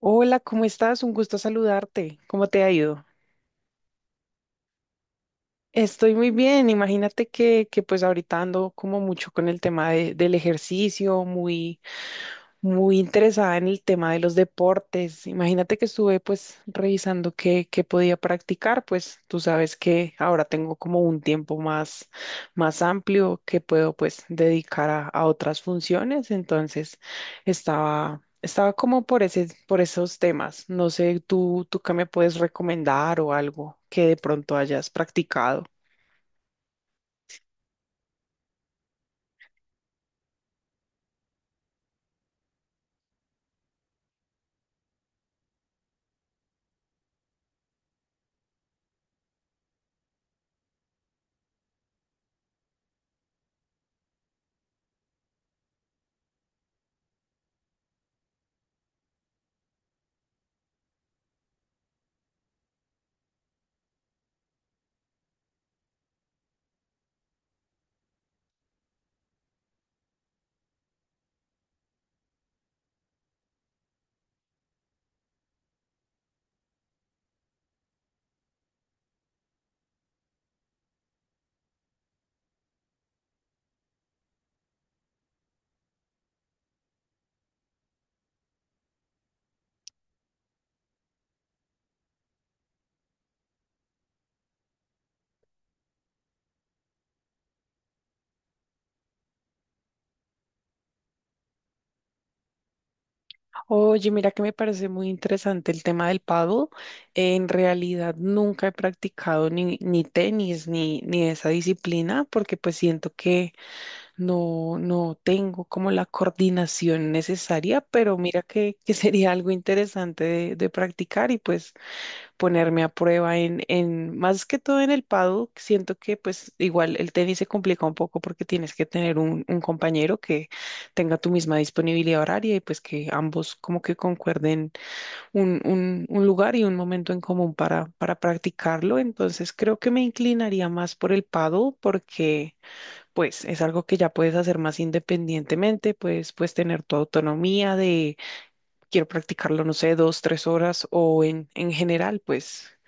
Hola, ¿cómo estás? Un gusto saludarte. ¿Cómo te ha ido? Estoy muy bien. Imagínate que pues ahorita ando como mucho con el tema del ejercicio, muy, muy interesada en el tema de los deportes. Imagínate que estuve pues revisando qué podía practicar, pues tú sabes que ahora tengo como un tiempo más, más amplio que puedo pues dedicar a otras funciones, entonces estaba como por por esos temas. No sé, tú qué me puedes recomendar o algo que de pronto hayas practicado. Oye, mira que me parece muy interesante el tema del paddle. En realidad nunca he practicado ni tenis ni esa disciplina porque pues siento que no tengo como la coordinación necesaria, pero mira que sería algo interesante de practicar y pues ponerme a prueba más que todo en el paddock, siento que pues igual el tenis se complica un poco porque tienes que tener un compañero que tenga tu misma disponibilidad horaria y pues que ambos como que concuerden un lugar y un momento en común para practicarlo. Entonces creo que me inclinaría más por el paddle porque pues es algo que ya puedes hacer más independientemente, pues, puedes tener tu autonomía de quiero practicarlo, no sé, dos, tres horas o en general, pues,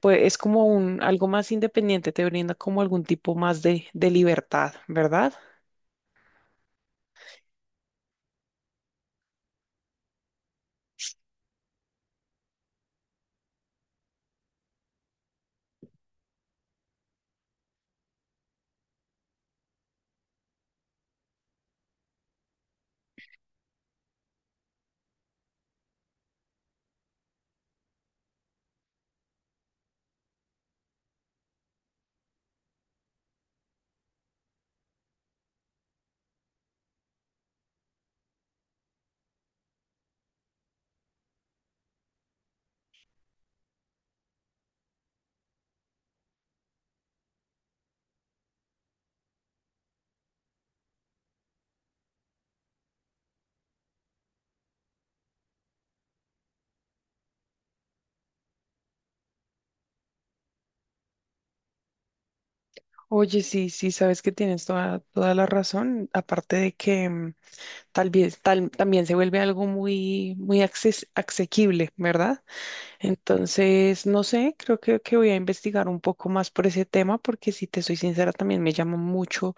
pues es como un, algo más independiente, te brinda como algún tipo más de libertad, ¿verdad? Oye, sí, sí, sabes que tienes toda, toda la razón, aparte de que tal vez tal, también se vuelve algo muy, muy asequible, ¿verdad? Entonces, no sé, creo que voy a investigar un poco más por ese tema, porque si te soy sincera, también me llama mucho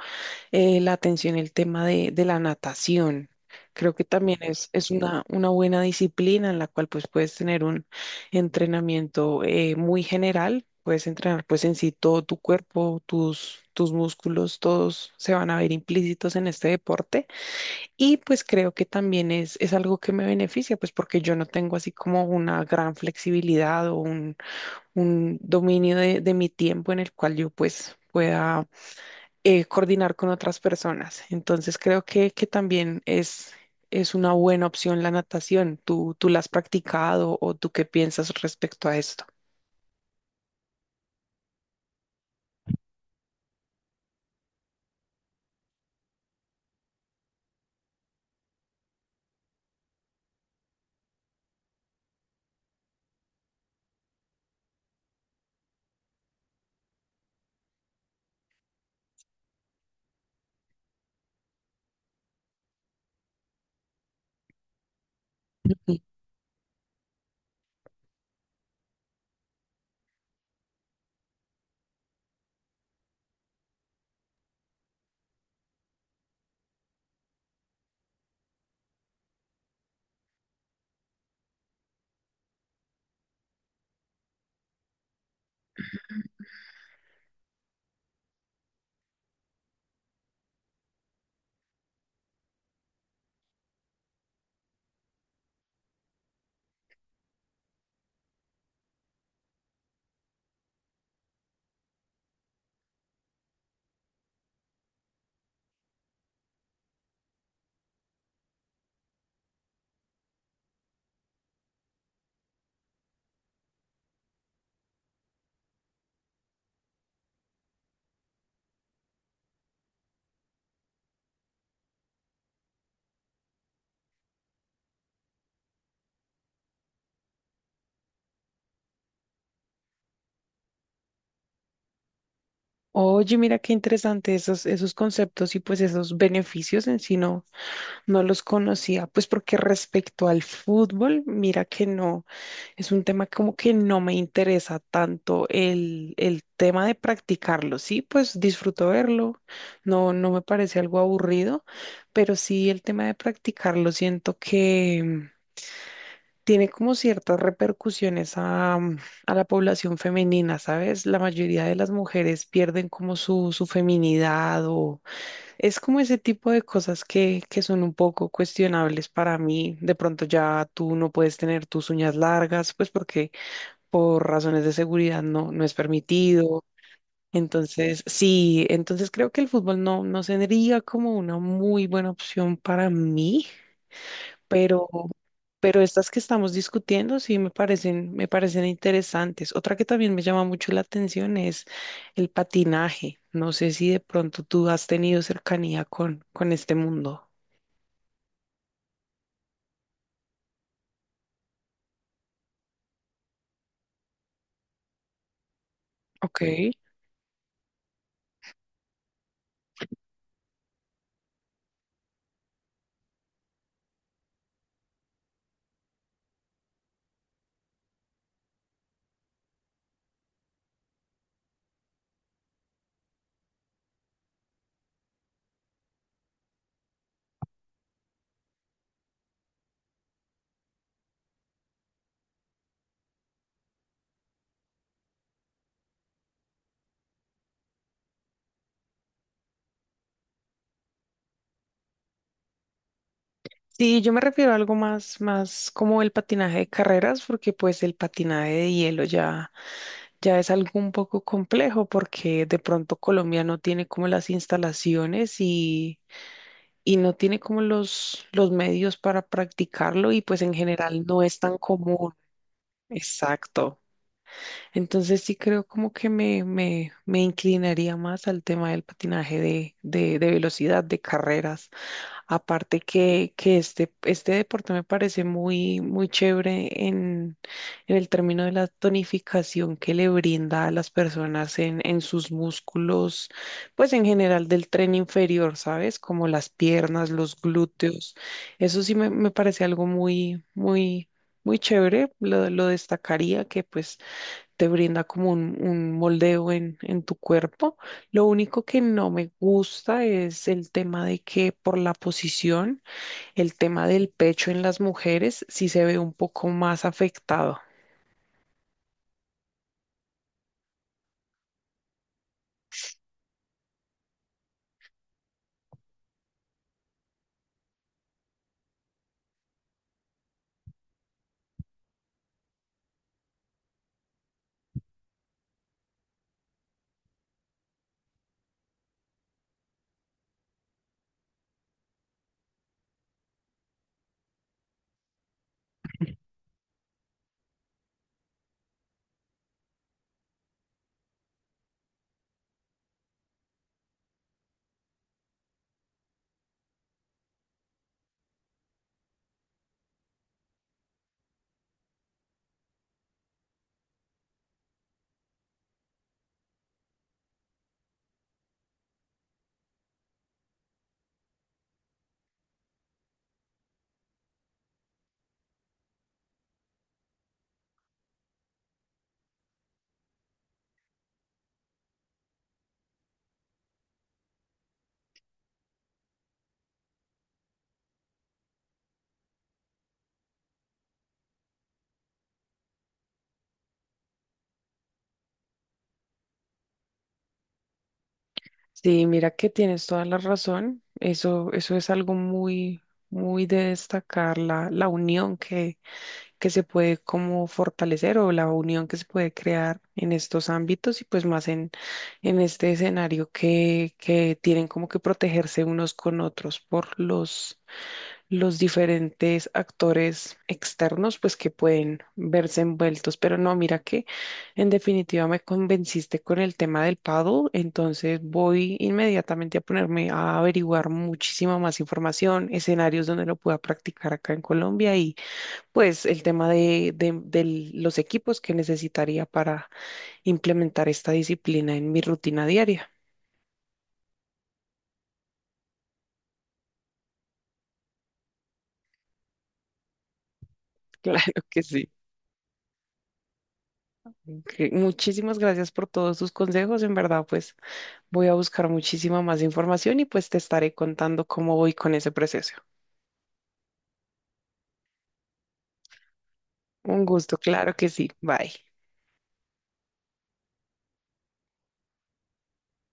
la atención el tema de la natación. Creo que también es una buena disciplina en la cual pues puedes tener un entrenamiento muy general, puedes entrenar pues en sí todo tu cuerpo, tus músculos, todos se van a ver implícitos en este deporte y pues creo que también es algo que me beneficia pues porque yo no tengo así como una gran flexibilidad o un dominio de mi tiempo en el cual yo pues pueda coordinar con otras personas. Entonces creo que también es una buena opción la natación. ¿Tú, tú la has practicado o tú qué piensas respecto a esto? Ujú. Oye, mira qué interesante esos conceptos y pues esos beneficios en sí no los conocía. Pues porque respecto al fútbol, mira que no. Es un tema como que no me interesa tanto el tema de practicarlo. Sí, pues disfruto verlo, no me parece algo aburrido, pero sí el tema de practicarlo siento que tiene como ciertas repercusiones a, a la población femenina, ¿sabes? La mayoría de las mujeres pierden como su feminidad o es como ese tipo de cosas que son un poco cuestionables para mí. De pronto ya tú no puedes tener tus uñas largas, pues porque por razones de seguridad no es permitido. Entonces, sí, entonces creo que el fútbol no sería como una muy buena opción para mí, pero, pero estas que estamos discutiendo sí me me parecen interesantes. Otra que también me llama mucho la atención es el patinaje. No sé si de pronto tú has tenido cercanía con este mundo. Ok. Sí, yo me refiero a algo más, más como el patinaje de carreras, porque pues el patinaje de hielo ya ya es algo un poco complejo porque de pronto Colombia no tiene como las instalaciones y no tiene como los medios para practicarlo y pues en general no es tan común. Exacto. Entonces sí creo como que me inclinaría más al tema del patinaje de velocidad, de carreras. Aparte que este deporte me parece muy, muy chévere en el término de la tonificación que le brinda a las personas en sus músculos, pues en general del tren inferior, ¿sabes? Como las piernas, los glúteos. Eso sí me parece algo muy, muy, muy chévere. Lo destacaría que pues te brinda como un moldeo en tu cuerpo. Lo único que no me gusta es el tema de que por la posición, el tema del pecho en las mujeres sí se ve un poco más afectado. Sí, mira que tienes toda la razón. Eso es algo muy, muy de destacar, la unión que se puede como fortalecer o la unión que se puede crear en estos ámbitos y pues más en este escenario que tienen como que protegerse unos con otros por los diferentes actores externos pues que pueden verse envueltos. Pero no, mira que en definitiva me convenciste con el tema del paddle, entonces voy inmediatamente a ponerme a averiguar muchísima más información, escenarios donde lo pueda practicar acá en Colombia y pues el tema de los equipos que necesitaría para implementar esta disciplina en mi rutina diaria. Claro que sí. Ok, muchísimas gracias por todos sus consejos. En verdad, pues voy a buscar muchísima más información y pues te estaré contando cómo voy con ese proceso. Un gusto, claro que sí. Bye.